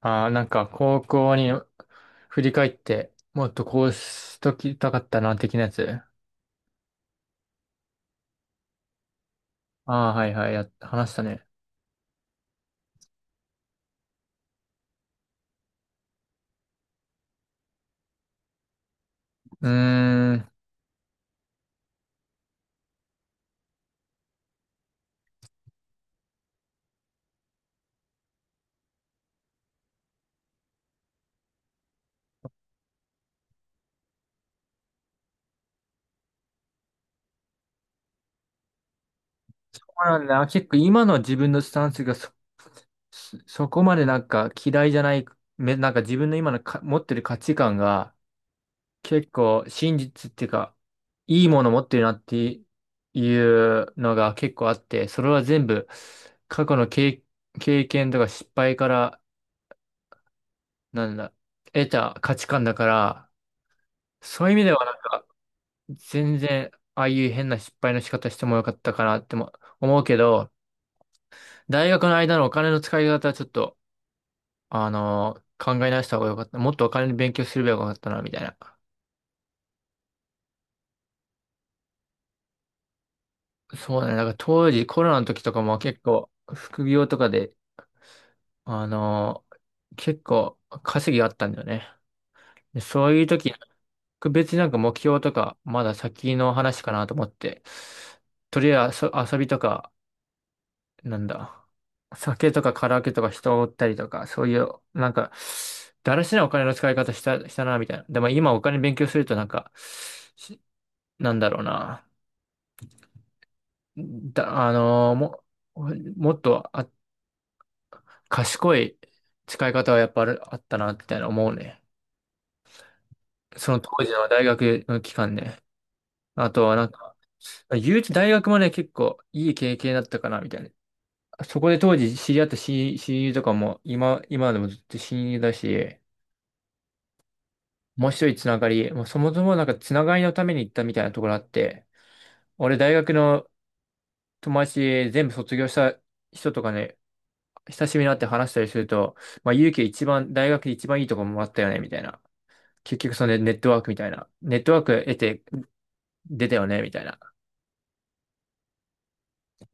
ああ、なんか高校に振り返って、もっとこうしときたかったな、的なやつ。ああ、はいはい、や、話したね。うーん。そうなんだ。結構今の自分のスタンスが、そこまでなんか嫌いじゃない、なんか自分の今のか持ってる価値観が結構真実っていうか、いいもの持ってるなっていうのが結構あって、それは全部過去の経験とか失敗から、なんだ、得た価値観だから、そういう意味ではなんか、全然、ああいう変な失敗の仕方してもよかったかなっても思うけど、大学の間のお金の使い方はちょっと、考え直した方がよかった。もっとお金の勉強すればよかったな、みたいな。そうだね。なんか当時、コロナの時とかも結構、副業とかで、あのー結構稼ぎがあったんだよね。でそういう時、別になんか目標とか、まだ先の話かなと思って、とりあえず遊びとか、なんだ、酒とかカラオケとか人を追ったりとか、そういう、なんか、だらしないお金の使い方したな、みたいな。でも今お金勉強するとなんか、しなんだろうな、だ、あのーも、もっと賢い使い方はやっぱあったな、みたいな思うね。その当時の大学の期間ね。あとはなんか、言うて大学もね、結構いい経験だったかな、みたいな。そこで当時知り合った親友とかも今でもずっと親友だし、面白いつながり。もうそもそもなんかつながりのために行ったみたいなところあって、俺大学の友達全部卒業した人とかね、久しぶりに会って話したりすると、まあ、勇気一番、大学で一番いいとこもあったよね、みたいな。結局そのねネットワークみたいな。ネットワーク得て出たよね、みたいな。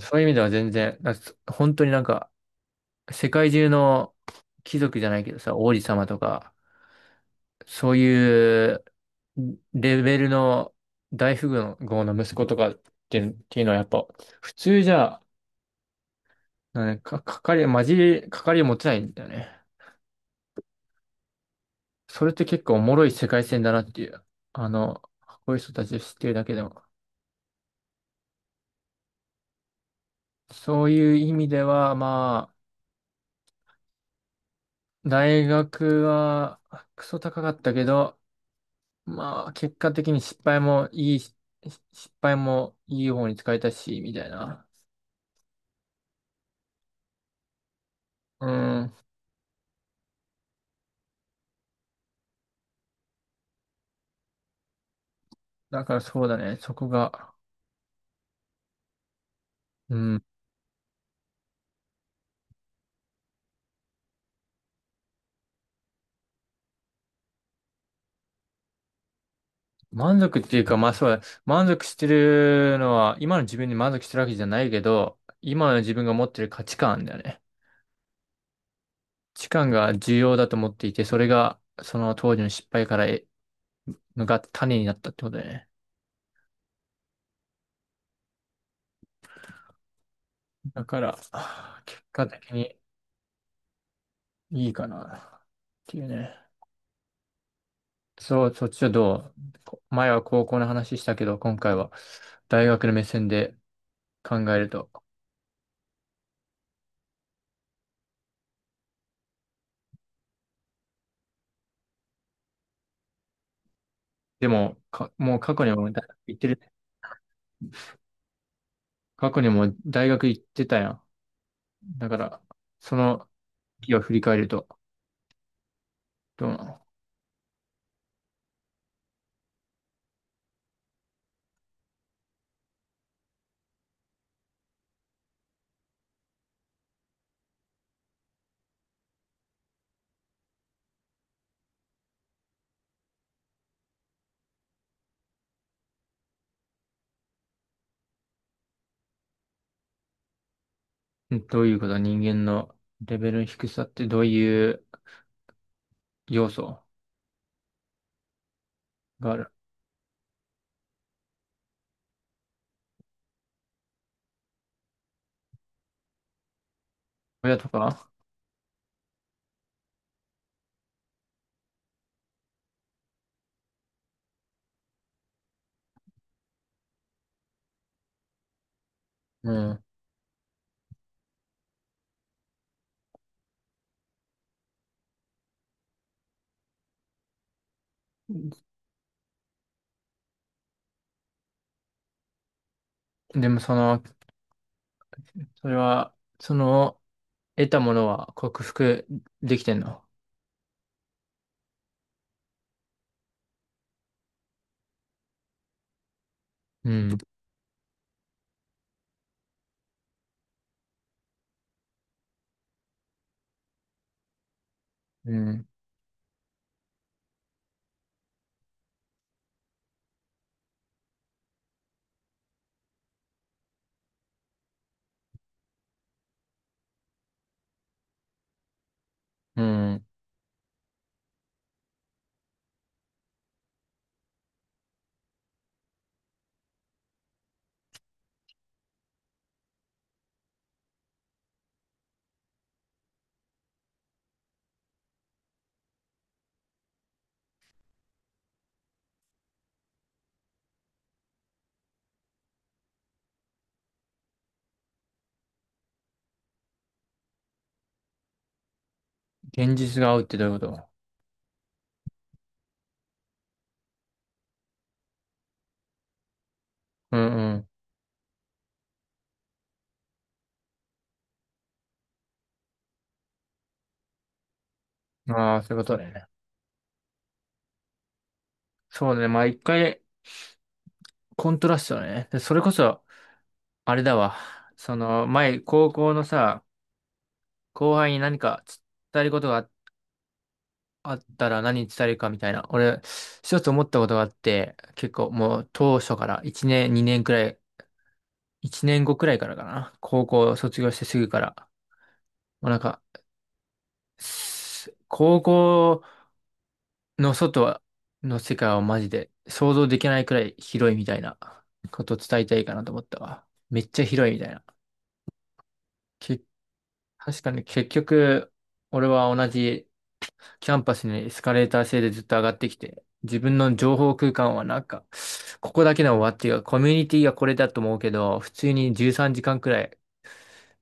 そういう意味では全然、なんか本当になんか、世界中の貴族じゃないけどさ、王子様とか、そういうレベルの大富豪の息子とかっていうのはやっぱ普通じゃ、なんか、かかり、まじり、かかり持てないんだよね。それって結構おもろい世界線だなっていう。あの、こういう人たちを知ってるだけでも。そういう意味では、まあ、大学はクソ高かったけど、まあ、結果的に失敗もいいし、失敗もいい方に使えたし、みたいな。うん。だからそうだね。そこが。うん。満足っていうか、まあそうだ。満足してるのは、今の自分に満足してるわけじゃないけど、今の自分が持ってる価値観だよね。価値観が重要だと思っていて、それが、その当時の失敗からのが種になったってことだよね。だから、結果的にいいかな。っていうね。そう、そっちはどう？こ前は高校の話したけど、今回は大学の目線で考えると。でも、もう過去にも大学行ってる。過去にも大学行ってたやん。だから、その時を振り返ると、どうなの？どういうこと？人間のレベルの低さってどういう要素がある？親とか？うん。でもその、それは、その、得たものは克服できてんの？うん。うん。うん。現実が合うってどういうこと？うんうん。ああ、そういうことだよね。そうね。まあ一回、コントラストだね。で、それこそ、あれだわ。その、前、高校のさ、後輩に何か伝えることがあったら何伝えるかみたいな。俺、一つ思ったことがあって、結構もう当初から1年、2年くらい、1年後くらいからかな。高校卒業してすぐから。もうなんか、高校の外の世界はマジで想像できないくらい広いみたいなことを伝えたいかなと思ったわ。めっちゃ広いみたいな。け、確かに結局、俺は同じキャンパスにエスカレーター制でずっと上がってきて、自分の情報空間はなんか、ここだけの終わっていうか、コミュニティがこれだと思うけど、普通に13時間くらい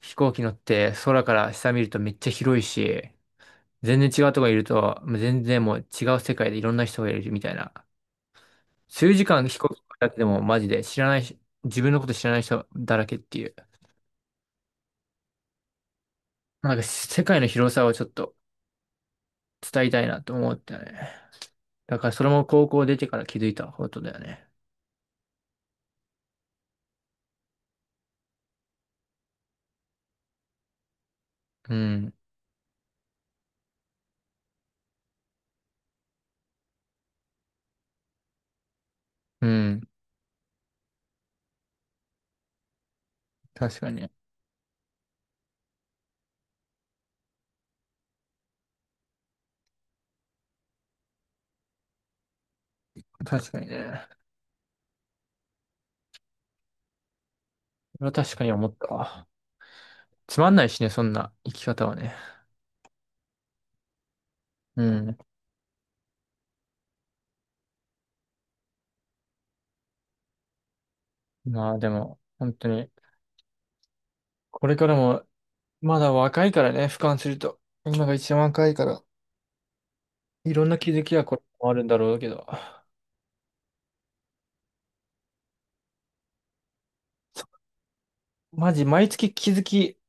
飛行機乗って空から下見るとめっちゃ広いし、全然違うとこにいると、もう全然もう違う世界でいろんな人がいるみたいな。数時間飛行機だけでもマジで知らないし、自分のこと知らない人だらけっていう。なんか世界の広さをちょっと伝えたいなと思ったね。だからそれも高校出てから気づいたことだよね。うん。うん。確かに。確かにね。それは確かに思ったわ。つまんないしね、そんな生き方はね。うん。まあでも、本当に、これからも、まだ若いからね、俯瞰すると。今が一番若いから、いろんな気づきはこれもあるんだろうけど。マジ、毎月気づき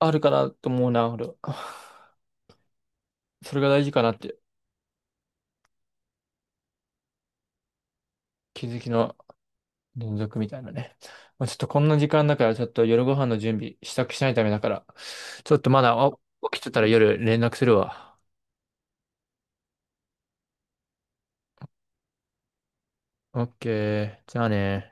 あるかなと思うな、俺は。それが大事かなって。気づきの連続みたいなね。まあ、ちょっとこんな時間だから、ちょっと夜ご飯の準備、支度しないためだから、ちょっとまだ、起きてたら夜連絡するわ。オッケー。じゃあね。